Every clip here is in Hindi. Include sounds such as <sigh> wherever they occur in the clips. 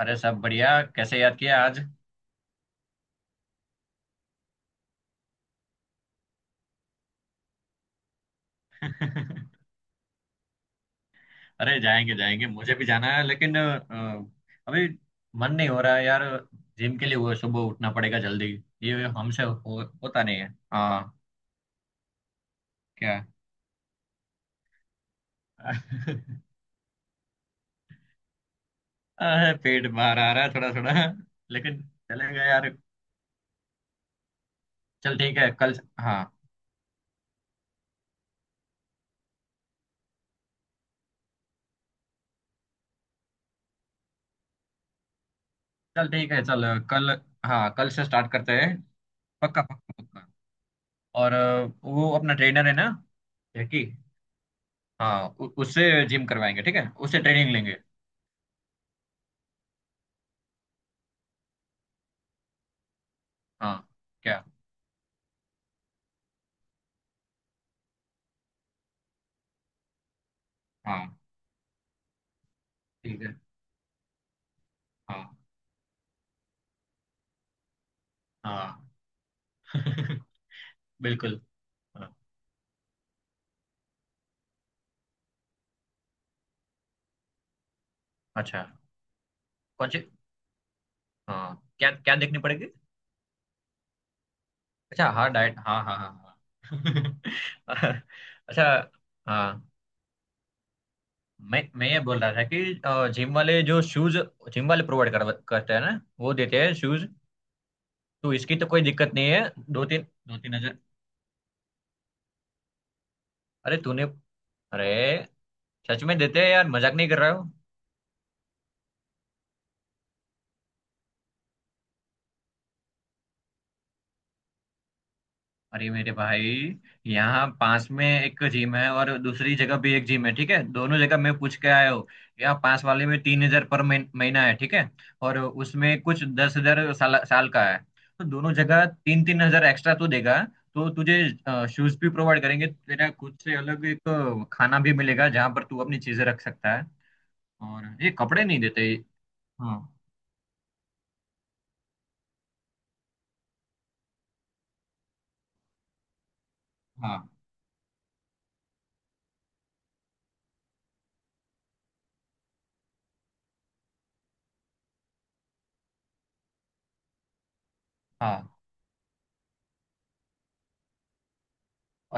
अरे सब बढ़िया। कैसे याद किया आज? अरे जाएंगे जाएंगे, मुझे भी जाना है लेकिन अभी मन नहीं हो रहा है यार। जिम के लिए वो सुबह उठना पड़ेगा जल्दी। ये हमसे होता नहीं है। हाँ। क्या? <laughs> अरे पेट बाहर आ रहा है थोड़ा थोड़ा, लेकिन चलेगा यार। चल ठीक है, कल। हाँ। चल ठीक है, चल। कल। हाँ, कल से स्टार्ट करते हैं। पक्का पक्का पक्का। और वो अपना ट्रेनर है ना, जैकी। हाँ, उससे जिम करवाएंगे, ठीक है, उससे ट्रेनिंग लेंगे। हाँ। क्या? हाँ। ठीक है। हाँ हाँ। <laughs> बिल्कुल। हाँ। अच्छा। कौन सी? हाँ, क्या क्या देखनी पड़ेगी? अच्छा हाँ, डाइट, हाँ हाँ हाँ। हाँ। <laughs> अच्छा। हाँ। मैं ये बोल रहा था कि जिम वाले जो शूज, जिम वाले प्रोवाइड करते हैं ना, वो देते हैं शूज। तो इसकी तो कोई दिक्कत नहीं है। दो तीन, दो तीन हजार। अरे तूने। अरे, सच में देते हैं यार, मजाक नहीं कर रहा हो। अरे मेरे भाई, यहाँ पास में एक जिम है और दूसरी जगह भी एक जिम है, ठीक है। दोनों जगह मैं पूछ के आया हूँ। यहाँ पास वाले में 3 हज़ार पर महीना है, ठीक है। और उसमें कुछ 10 हज़ार साल का है। तो दोनों जगह 3-3 हज़ार एक्स्ट्रा तू देगा, तो तुझे शूज भी प्रोवाइड करेंगे, तेरा खुद से अलग एक खाना भी मिलेगा जहाँ पर तू अपनी चीजें रख सकता है। और ये कपड़े नहीं देते। हाँ हाँ हाँ।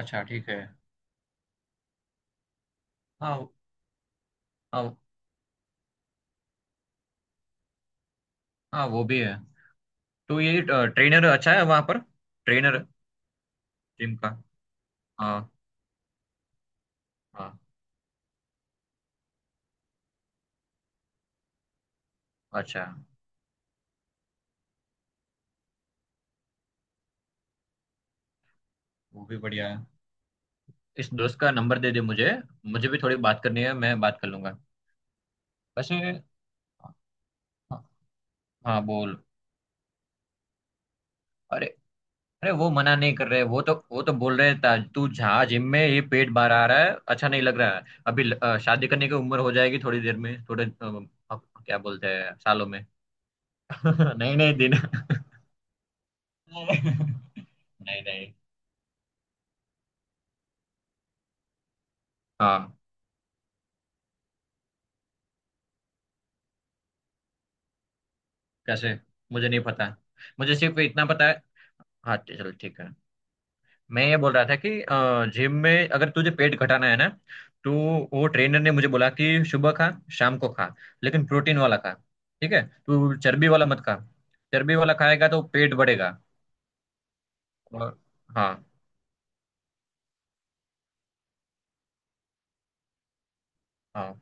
अच्छा ठीक है। हाँ हाँ। हाँ, वो भी है। तो ये ट्रेनर अच्छा है वहां पर? ट्रेनर? जिम का? हाँ। हाँ। अच्छा, वो भी बढ़िया है। इस दोस्त का नंबर दे दे मुझे, मुझे भी थोड़ी बात करनी है, मैं बात कर लूंगा। वैसे हाँ। हाँ, बोल। अरे अरे, वो मना नहीं कर रहे। वो तो बोल रहे था तू जहाँ जिम में। ये पेट बाहर आ रहा है, अच्छा नहीं लग रहा है। अभी शादी करने की उम्र हो जाएगी थोड़ी देर में, थोड़े अब क्या बोलते हैं सालों में। <laughs> नहीं नहीं दिन। <laughs> नहीं। नहीं। हाँ। कैसे? मुझे नहीं पता। मुझे सिर्फ इतना पता है। हाँ, चलो ठीक है। मैं ये बोल रहा था कि जिम में अगर तुझे पेट घटाना है ना, तो वो ट्रेनर ने मुझे बोला कि सुबह खा, शाम को खा, लेकिन प्रोटीन वाला खा। ठीक है। तू चर्बी वाला मत खा। चर्बी वाला खाएगा तो पेट बढ़ेगा। और हाँ हाँ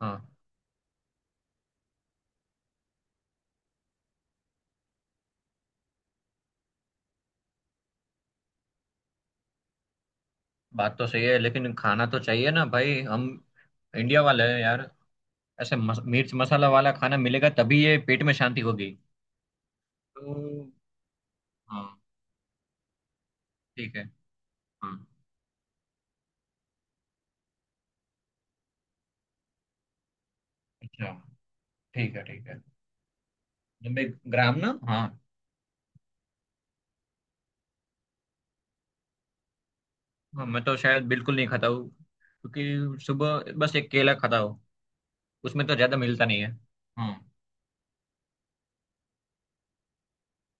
हाँ। बात तो सही है, लेकिन खाना तो चाहिए ना भाई। हम इंडिया वाले हैं यार। ऐसे मिर्च मसाला वाला खाना मिलेगा तभी ये पेट में शांति होगी। तो हाँ। ठीक है हाँ। अच्छा ठीक है, ठीक है। 90 ग्राम ना? हाँ। हाँ, मैं तो शायद बिल्कुल नहीं खाता हूँ, क्योंकि सुबह बस एक केला खाता हूँ। उसमें तो ज्यादा मिलता नहीं है। हम्म।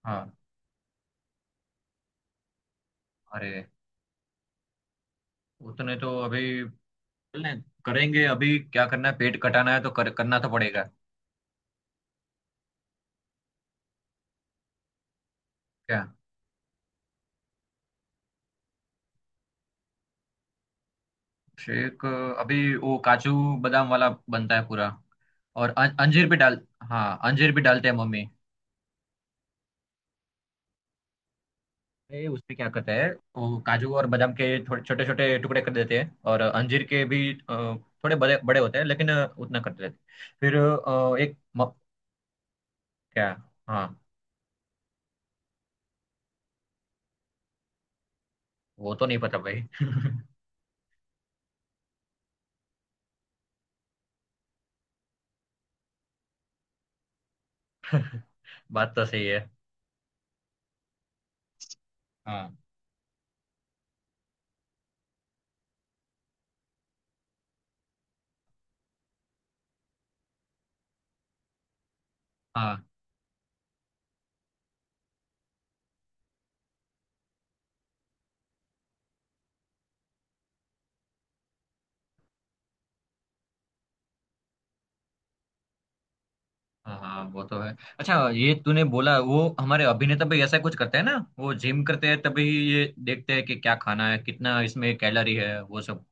हाँ। अरे उतने तो अभी चलें, करेंगे। अभी क्या करना है, पेट कटाना है तो करना तो पड़ेगा। क्या? शेक? अभी वो काजू बादाम वाला बनता है पूरा। और अंजीर भी डाल। हाँ, अंजीर भी डालते हैं मम्मी। उसमें क्या करते हैं, वो काजू और बादाम के थोड़े छोटे छोटे टुकड़े कर देते हैं, और अंजीर के भी थोड़े बड़े बड़े होते हैं, लेकिन उतना करते रहते हैं। फिर अ, एक म- क्या? हाँ, वो तो नहीं पता भाई। <laughs> बात तो सही है। हाँ। हाँ हाँ। हाँ, वो तो है। अच्छा, ये तूने बोला वो हमारे अभिनेता भी ऐसा कुछ करते हैं ना, वो जिम करते हैं तभी ये देखते हैं कि क्या खाना है, कितना इसमें कैलोरी है, वो सब।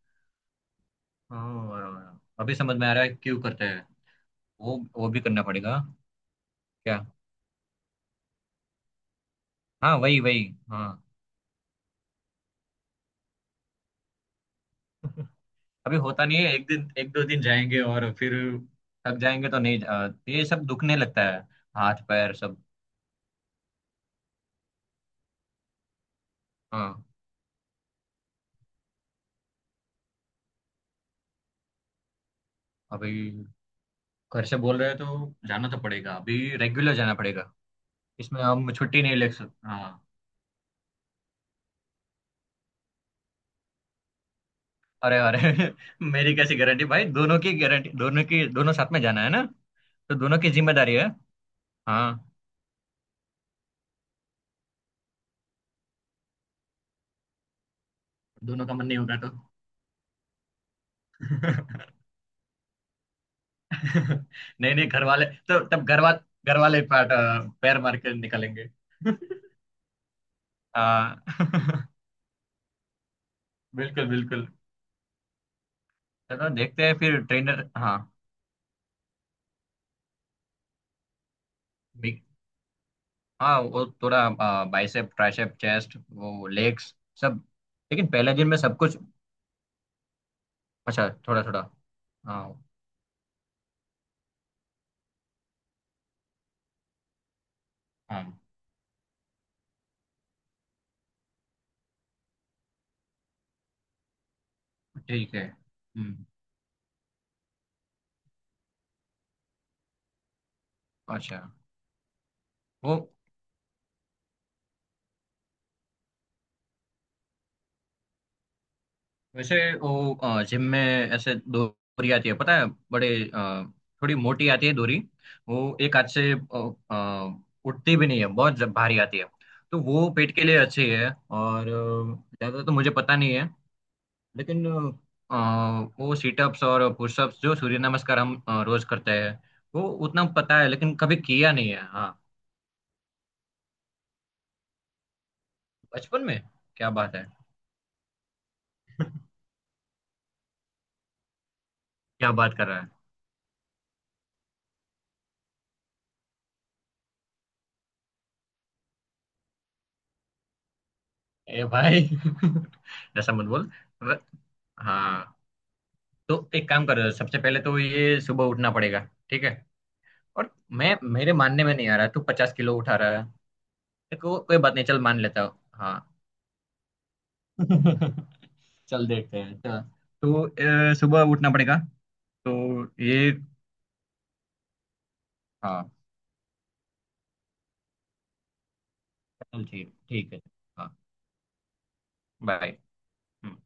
हाँ, अभी समझ में आ रहा है क्यों करते हैं। वो भी करना पड़ेगा। क्या? हाँ, वही वही। हाँ। <laughs> अभी होता नहीं है। एक दिन, एक दो दिन जाएंगे और फिर थक जाएंगे तो नहीं, ये सब दुखने लगता है, हाथ पैर सब। हाँ। अभी घर से बोल रहे हो तो जाना तो पड़ेगा, अभी रेगुलर जाना पड़ेगा। इसमें हम छुट्टी नहीं ले सकते। हाँ। अरे अरे। <laughs> मेरी कैसी गारंटी भाई? दोनों की गारंटी, दोनों की, दोनों साथ में जाना है ना, तो दोनों की जिम्मेदारी है। हाँ। दोनों का मन नहीं होगा तो? <laughs> नहीं नहीं, घर वाले तो। तब घर वाले। घर वाले पार्ट। पैर मार के निकलेंगे। <laughs> हाँ। <laughs> बिल्कुल बिल्कुल। चलो देखते हैं फिर ट्रेनर। हाँ। बिग- हाँ, वो थोड़ा बाइसेप, ट्राइसेप, चेस्ट, वो लेग्स, सब। लेकिन पहले दिन में सब कुछ? अच्छा थोड़ा थोड़ा। हाँ। हाँ। ठीक है। हम्म। अच्छा। वो वैसे वो जिम में ऐसे डोरी आती है, पता है? बड़े अ, थोड़ी मोटी आती है डोरी। वो एक हाथ से उठती भी नहीं है, बहुत जब भारी आती है, तो वो पेट के लिए अच्छी है। और ज्यादा तो मुझे पता नहीं है, लेकिन अ, वो सीटअप्स और पुशअप्स, जो सूर्य नमस्कार हम रोज करते हैं। वो उतना पता है, लेकिन कभी किया नहीं है। हाँ। बचपन में? क्या बात है? क्या बात कर रहा है? ए भाई। <laughs> ऐसा मत बोल। र- हाँ, तो एक काम कर, सबसे पहले तो ये सुबह उठना पड़ेगा, ठीक है। और मैं मेरे मानने में नहीं आ रहा तू 50 किलो उठा रहा है। तो कोई बात नहीं, चल, मान लेता हूँ। हाँ। <laughs> चल देखते हैं चल। तो सुबह उठना पड़ेगा। तो ये। हाँ, चल ठीक, ठीक है। हाँ। बाय।